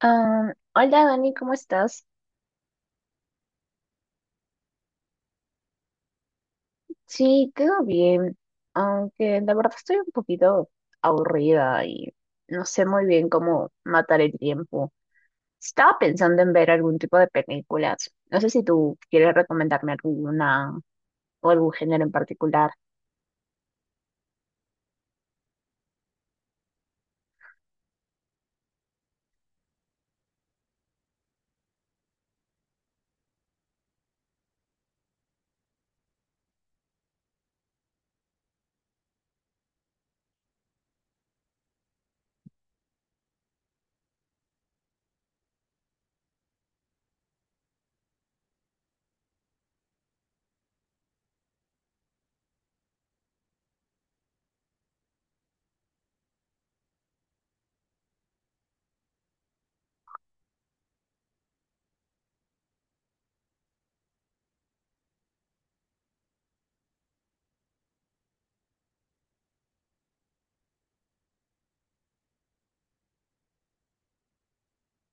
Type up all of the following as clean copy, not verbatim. Ah, hola Dani, ¿cómo estás? Sí, todo bien, aunque la verdad estoy un poquito aburrida y no sé muy bien cómo matar el tiempo. Estaba pensando en ver algún tipo de películas. No sé si tú quieres recomendarme alguna o algún género en particular.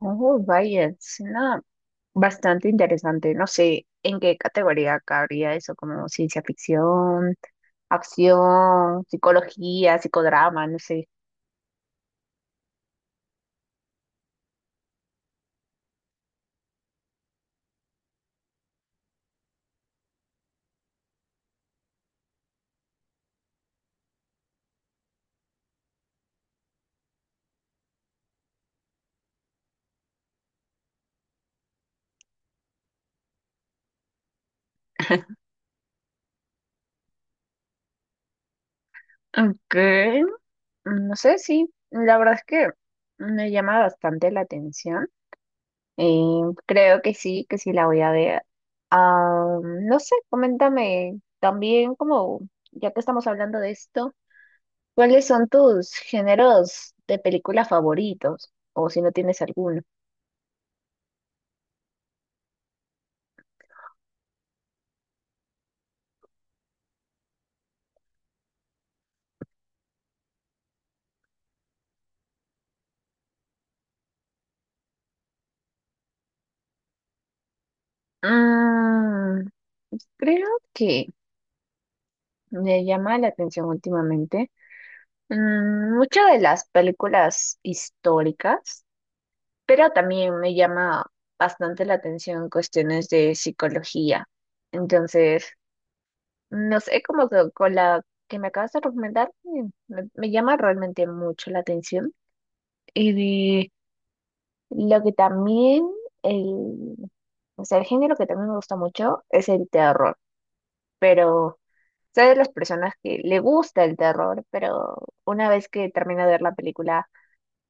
Oh, vaya, suena bastante interesante. No sé en qué categoría cabría eso, como ciencia ficción, acción, psicología, psicodrama, no sé. Ok. No sé, sí, la verdad es que me llama bastante la atención. Eh, creo que sí la voy a ver. Ah, no sé, coméntame también, como ya que estamos hablando de esto, ¿cuáles son tus géneros de película favoritos? O si no tienes alguno. Mm, creo que me llama la atención últimamente. Muchas de las películas históricas. Pero también me llama bastante la atención cuestiones de psicología. Entonces, no sé, como que con la que me acabas de recomendar, me llama realmente mucho la atención. Y lo que también, el, o sea, el género que también me gusta mucho es el terror. Pero soy de las personas que le gusta el terror, pero una vez que termino de ver la película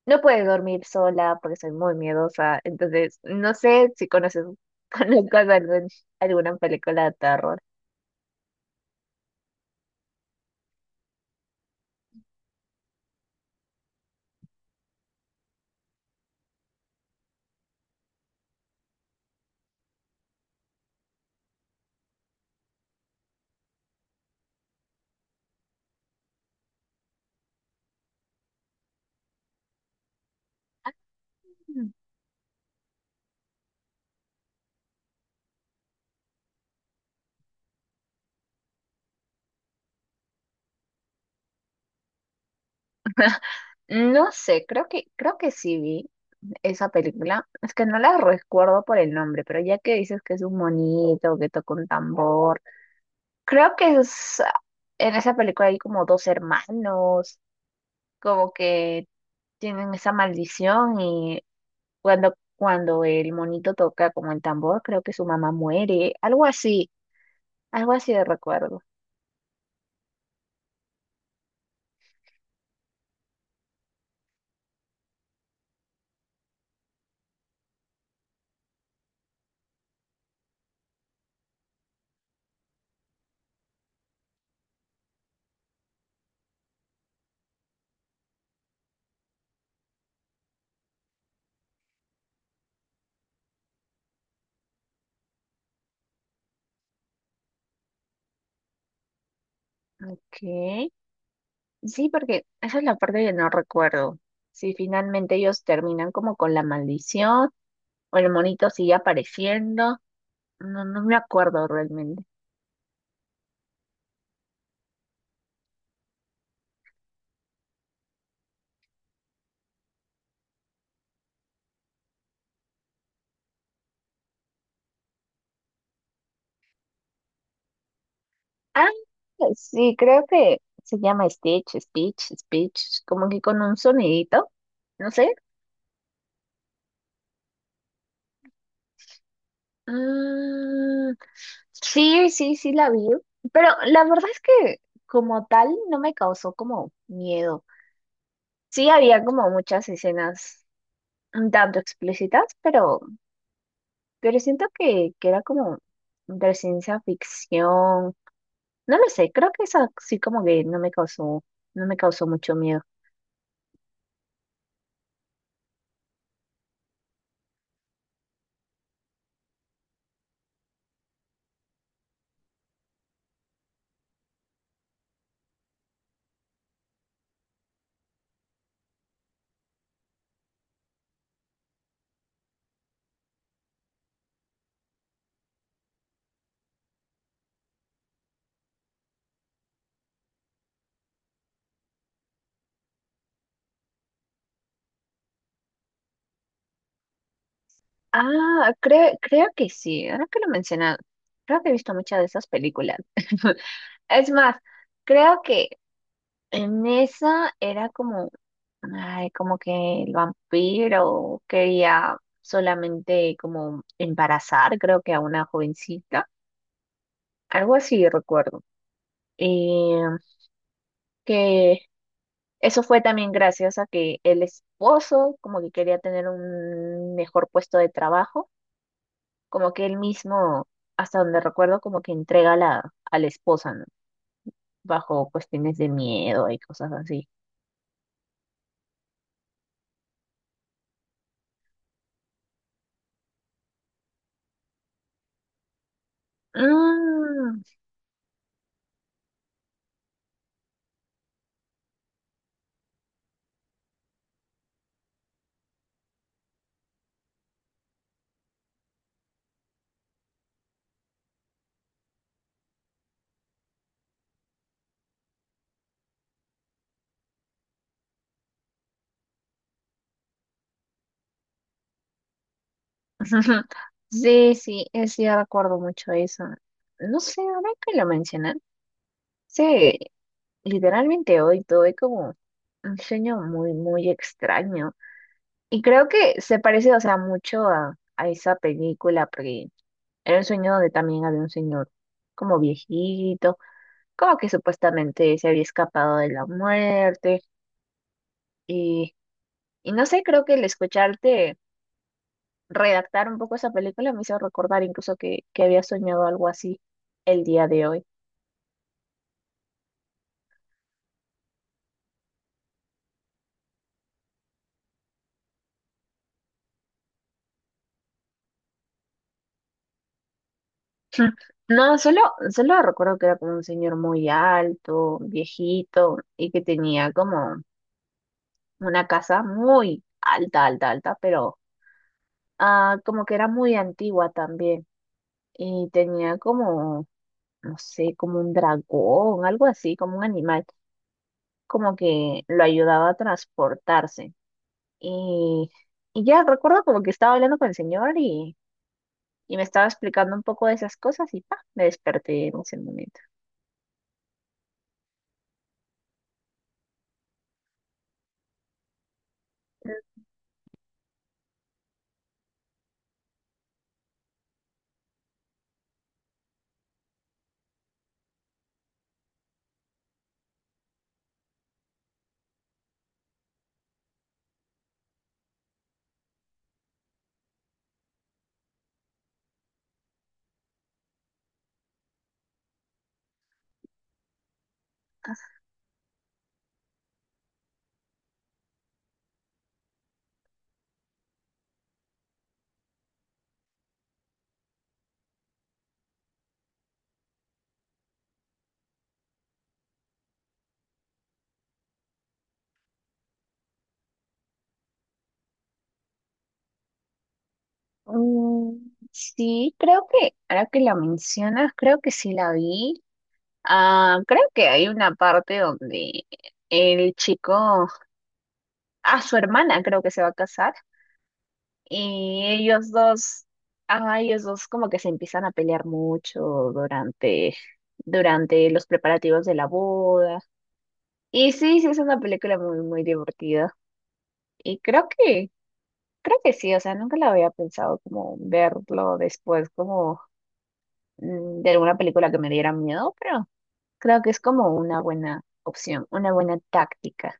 no puedes dormir sola porque soy muy miedosa. Entonces, no sé si conoces conozcas alguna película de terror. No sé, creo que sí vi esa película. Es que no la recuerdo por el nombre, pero ya que dices que es un monito, que toca un tambor, creo que es, en esa película hay como dos hermanos, como que tienen esa maldición y cuando el monito toca como el tambor, creo que su mamá muere, algo así. Algo así de recuerdo. Ok. Sí, porque esa es la parte que no recuerdo. Si finalmente ellos terminan como con la maldición o el monito sigue apareciendo. No, no me acuerdo realmente. Ah, sí, creo que se llama Stitch, como que con un sonidito. No sé. Mm, sí la vi. Pero la verdad es que como tal no me causó como miedo. Sí había como muchas escenas un tanto explícitas, pero siento que era como de ciencia ficción. No lo sé, creo que esa sí como que no me causó, no me causó mucho miedo. Ah, creo que sí, ahora que lo mencionas, creo que he visto muchas de esas películas. Es más, creo que en esa era como, ay, como que el vampiro quería solamente como embarazar, creo que a una jovencita, algo así recuerdo. eh, que eso fue también gracias a que el esposo como que quería tener un mejor puesto de trabajo, como que él mismo, hasta donde recuerdo, como que entrega a a la esposa, ¿no? Bajo cuestiones de miedo y cosas así. Mm. Sí, sí, sí, recuerdo mucho eso. No sé, ahora que lo mencionan, sí, literalmente hoy tuve como un sueño muy, muy extraño. Y creo que se parece, o sea, mucho a esa película, porque era un sueño donde también había un señor como viejito, como que supuestamente se había escapado de la muerte. Y, y no sé, creo que el escucharte redactar un poco esa película me hizo recordar incluso que había soñado algo así el día de hoy. No, solo recuerdo que era como un señor muy alto, viejito, y que tenía como una casa muy alta, alta, alta, pero ah, como que era muy antigua también y tenía como, no sé, como un dragón, algo así, como un animal, como que lo ayudaba a transportarse. Y, y ya recuerdo como que estaba hablando con el señor y me estaba explicando un poco de esas cosas y pa, me desperté en ese momento. Mm, sí, creo que, ahora que la mencionas, creo que sí la vi. Ah, creo que hay una parte donde el chico, ah, su hermana creo que se va a casar y ellos dos, ah, ellos dos como que se empiezan a pelear mucho durante, durante los preparativos de la boda. Y sí, sí, es una película muy, muy divertida. Y creo que sí, o sea, nunca la había pensado como verlo después como de alguna película que me diera miedo, pero creo que es como una buena opción, una buena táctica.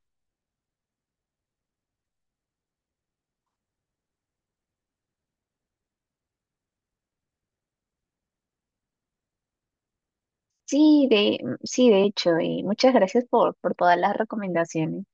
Sí, sí, de hecho, y muchas gracias por todas las recomendaciones.